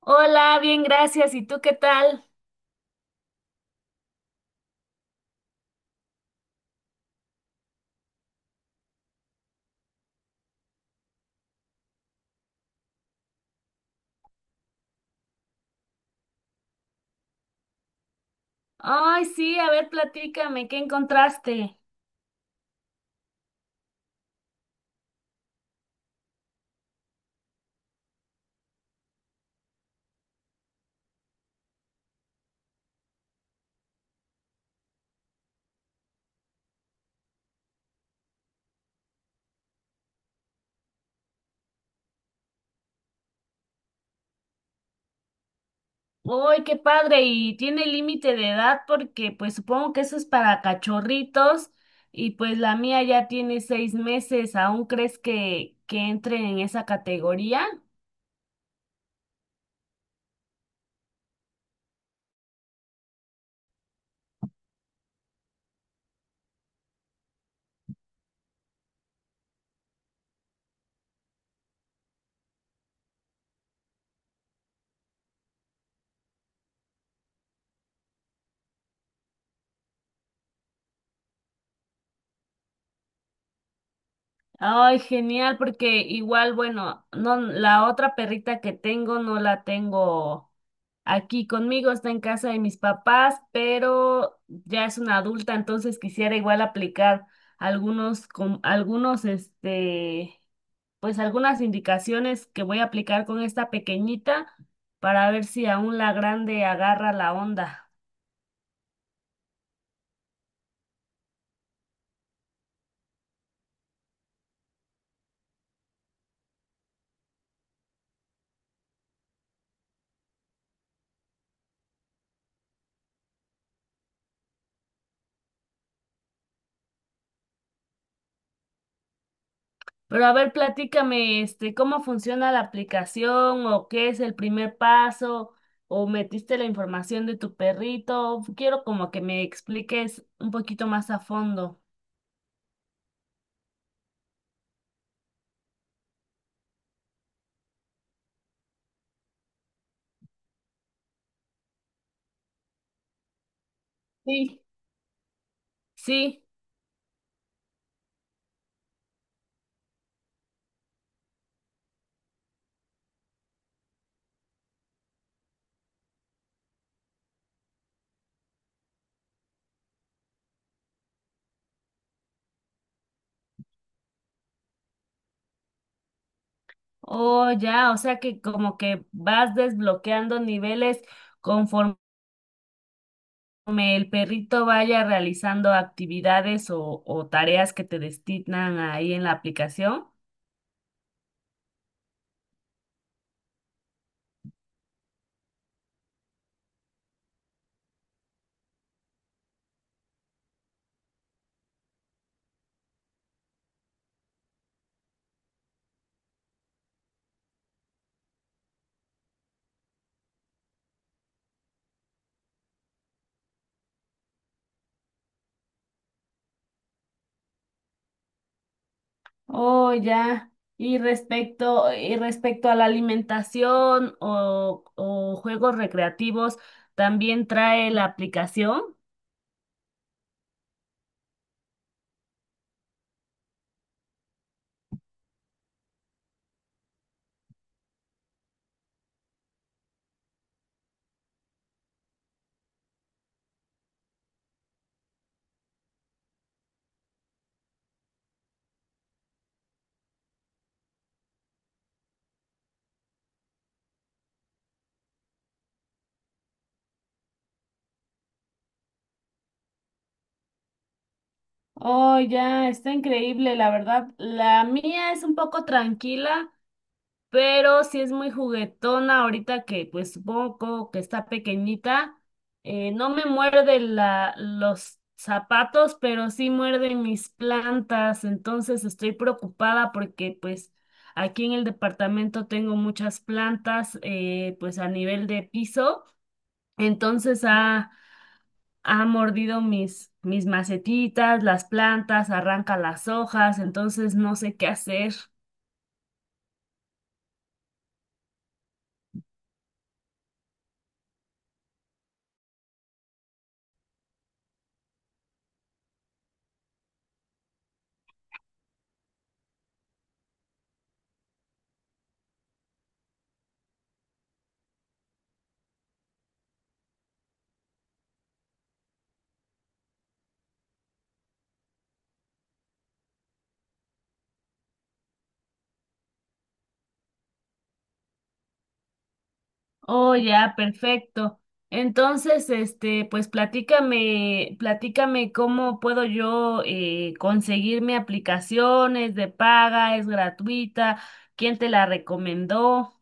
Hola, bien, gracias. ¿Y tú qué tal? Ay, sí, a ver, platícame, ¿qué encontraste? Ay, qué padre. Y tiene límite de edad porque pues supongo que eso es para cachorritos y pues la mía ya tiene 6 meses. ¿Aún crees que entre en esa categoría? Ay, genial, porque igual, bueno, no, la otra perrita que tengo no la tengo aquí conmigo, está en casa de mis papás, pero ya es una adulta, entonces quisiera igual aplicar algunos, con, algunos, este, pues algunas indicaciones que voy a aplicar con esta pequeñita para ver si aún la grande agarra la onda. Pero a ver, platícame, este, cómo funciona la aplicación o qué es el primer paso o metiste la información de tu perrito. Quiero como que me expliques un poquito más a fondo. Sí. Sí, oh ya, o sea que como que vas desbloqueando niveles conforme el perrito vaya realizando actividades o tareas que te destinan ahí en la aplicación. Oh, ya. Y respecto a la alimentación o juegos recreativos, ¿también trae la aplicación? Oh, ya, está increíble, la verdad. La mía es un poco tranquila, pero sí es muy juguetona ahorita que pues supongo que está pequeñita. No me muerde la, los zapatos, pero sí muerde mis plantas, entonces estoy preocupada porque pues aquí en el departamento tengo muchas plantas pues a nivel de piso, entonces ha mordido mis, mis macetitas, las plantas, arranca las hojas, entonces no sé qué hacer. Oh, ya, perfecto. Entonces, este, pues platícame, platícame cómo puedo yo conseguirme aplicaciones de paga, es gratuita, quién te la recomendó.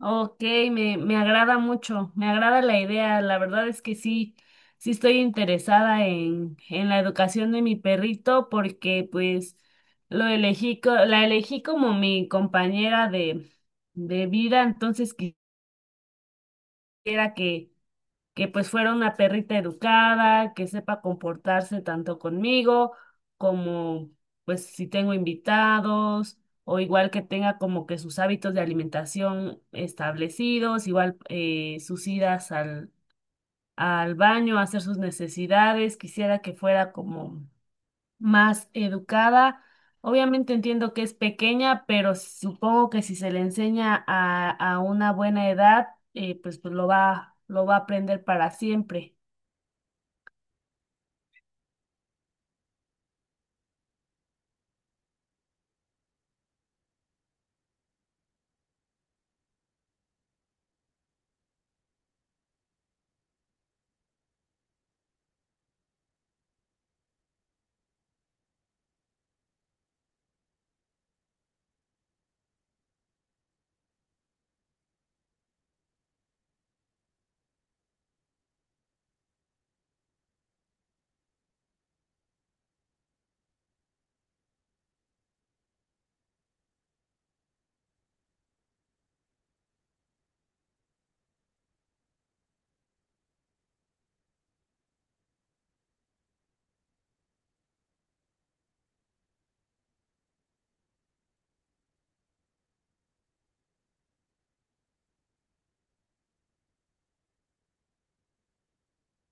Ok, me agrada mucho, me agrada la idea. La verdad es que sí, sí estoy interesada en la educación de mi perrito porque pues lo elegí, la elegí como mi compañera de vida, entonces quisiera que pues fuera una perrita educada, que sepa comportarse tanto conmigo como pues si tengo invitados, o igual que tenga como que sus hábitos de alimentación establecidos, igual sus idas al, al baño, a hacer sus necesidades, quisiera que fuera como más educada. Obviamente entiendo que es pequeña, pero supongo que si se le enseña a una buena edad, pues lo va a aprender para siempre.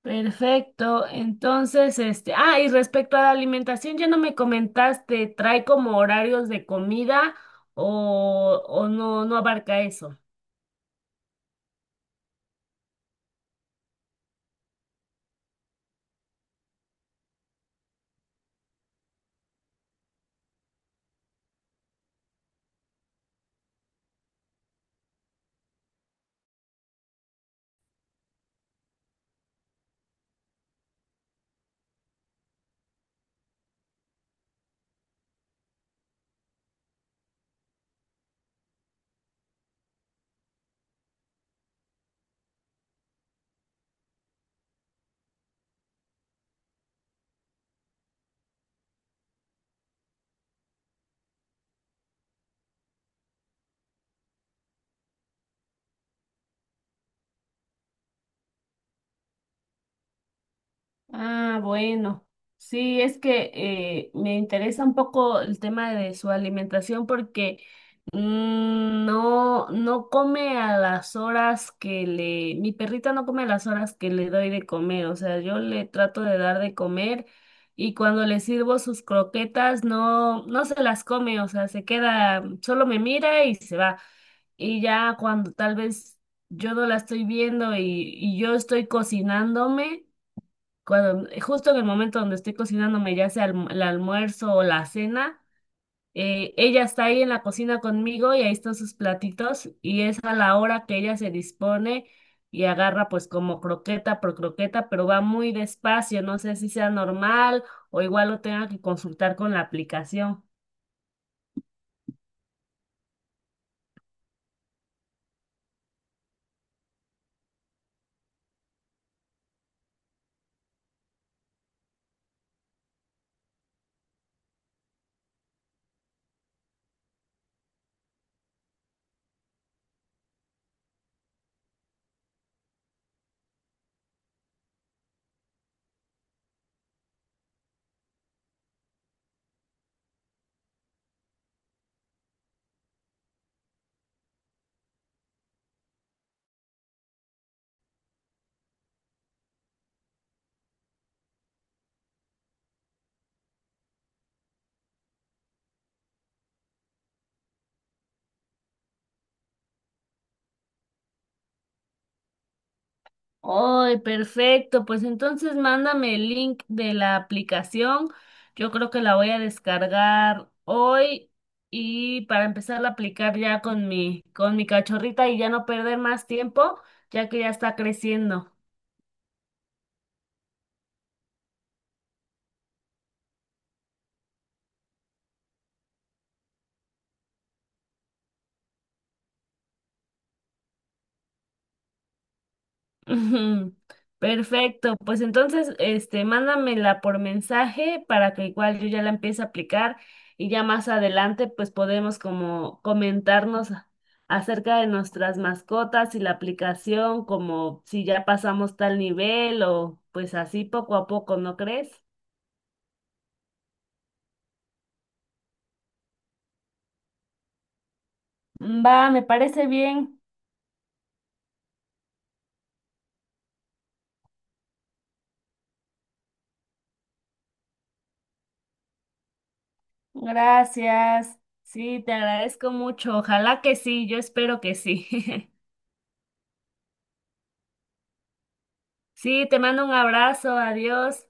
Perfecto. Entonces, este, ah, y respecto a la alimentación, ya no me comentaste, ¿trae como horarios de comida o no, no abarca eso? Ah, bueno. Sí, es que me interesa un poco el tema de su alimentación porque mm, no, no come a las horas que le, mi perrita no come a las horas que le doy de comer, o sea, yo le trato de dar de comer y cuando le sirvo sus croquetas no, no se las come, o sea, se queda, solo me mira y se va. Y ya cuando tal vez yo no la estoy viendo y yo estoy cocinándome cuando justo en el momento donde estoy cocinándome, ya sea el almuerzo o la cena, ella está ahí en la cocina conmigo y ahí están sus platitos y es a la hora que ella se dispone y agarra pues como croqueta por croqueta, pero va muy despacio, no sé si sea normal o igual lo tenga que consultar con la aplicación. Ay, perfecto. Pues entonces mándame el link de la aplicación. Yo creo que la voy a descargar hoy y para empezar a aplicar ya con mi cachorrita y ya no perder más tiempo, ya que ya está creciendo. Ujú. Perfecto, pues entonces, este, mándamela por mensaje para que igual yo ya la empiece a aplicar y ya más adelante pues podemos como comentarnos acerca de nuestras mascotas y la aplicación, como si ya pasamos tal nivel o pues así poco a poco, ¿no crees? Va, me parece bien. Gracias. Sí, te agradezco mucho. Ojalá que sí, yo espero que sí. Sí, te mando un abrazo, adiós.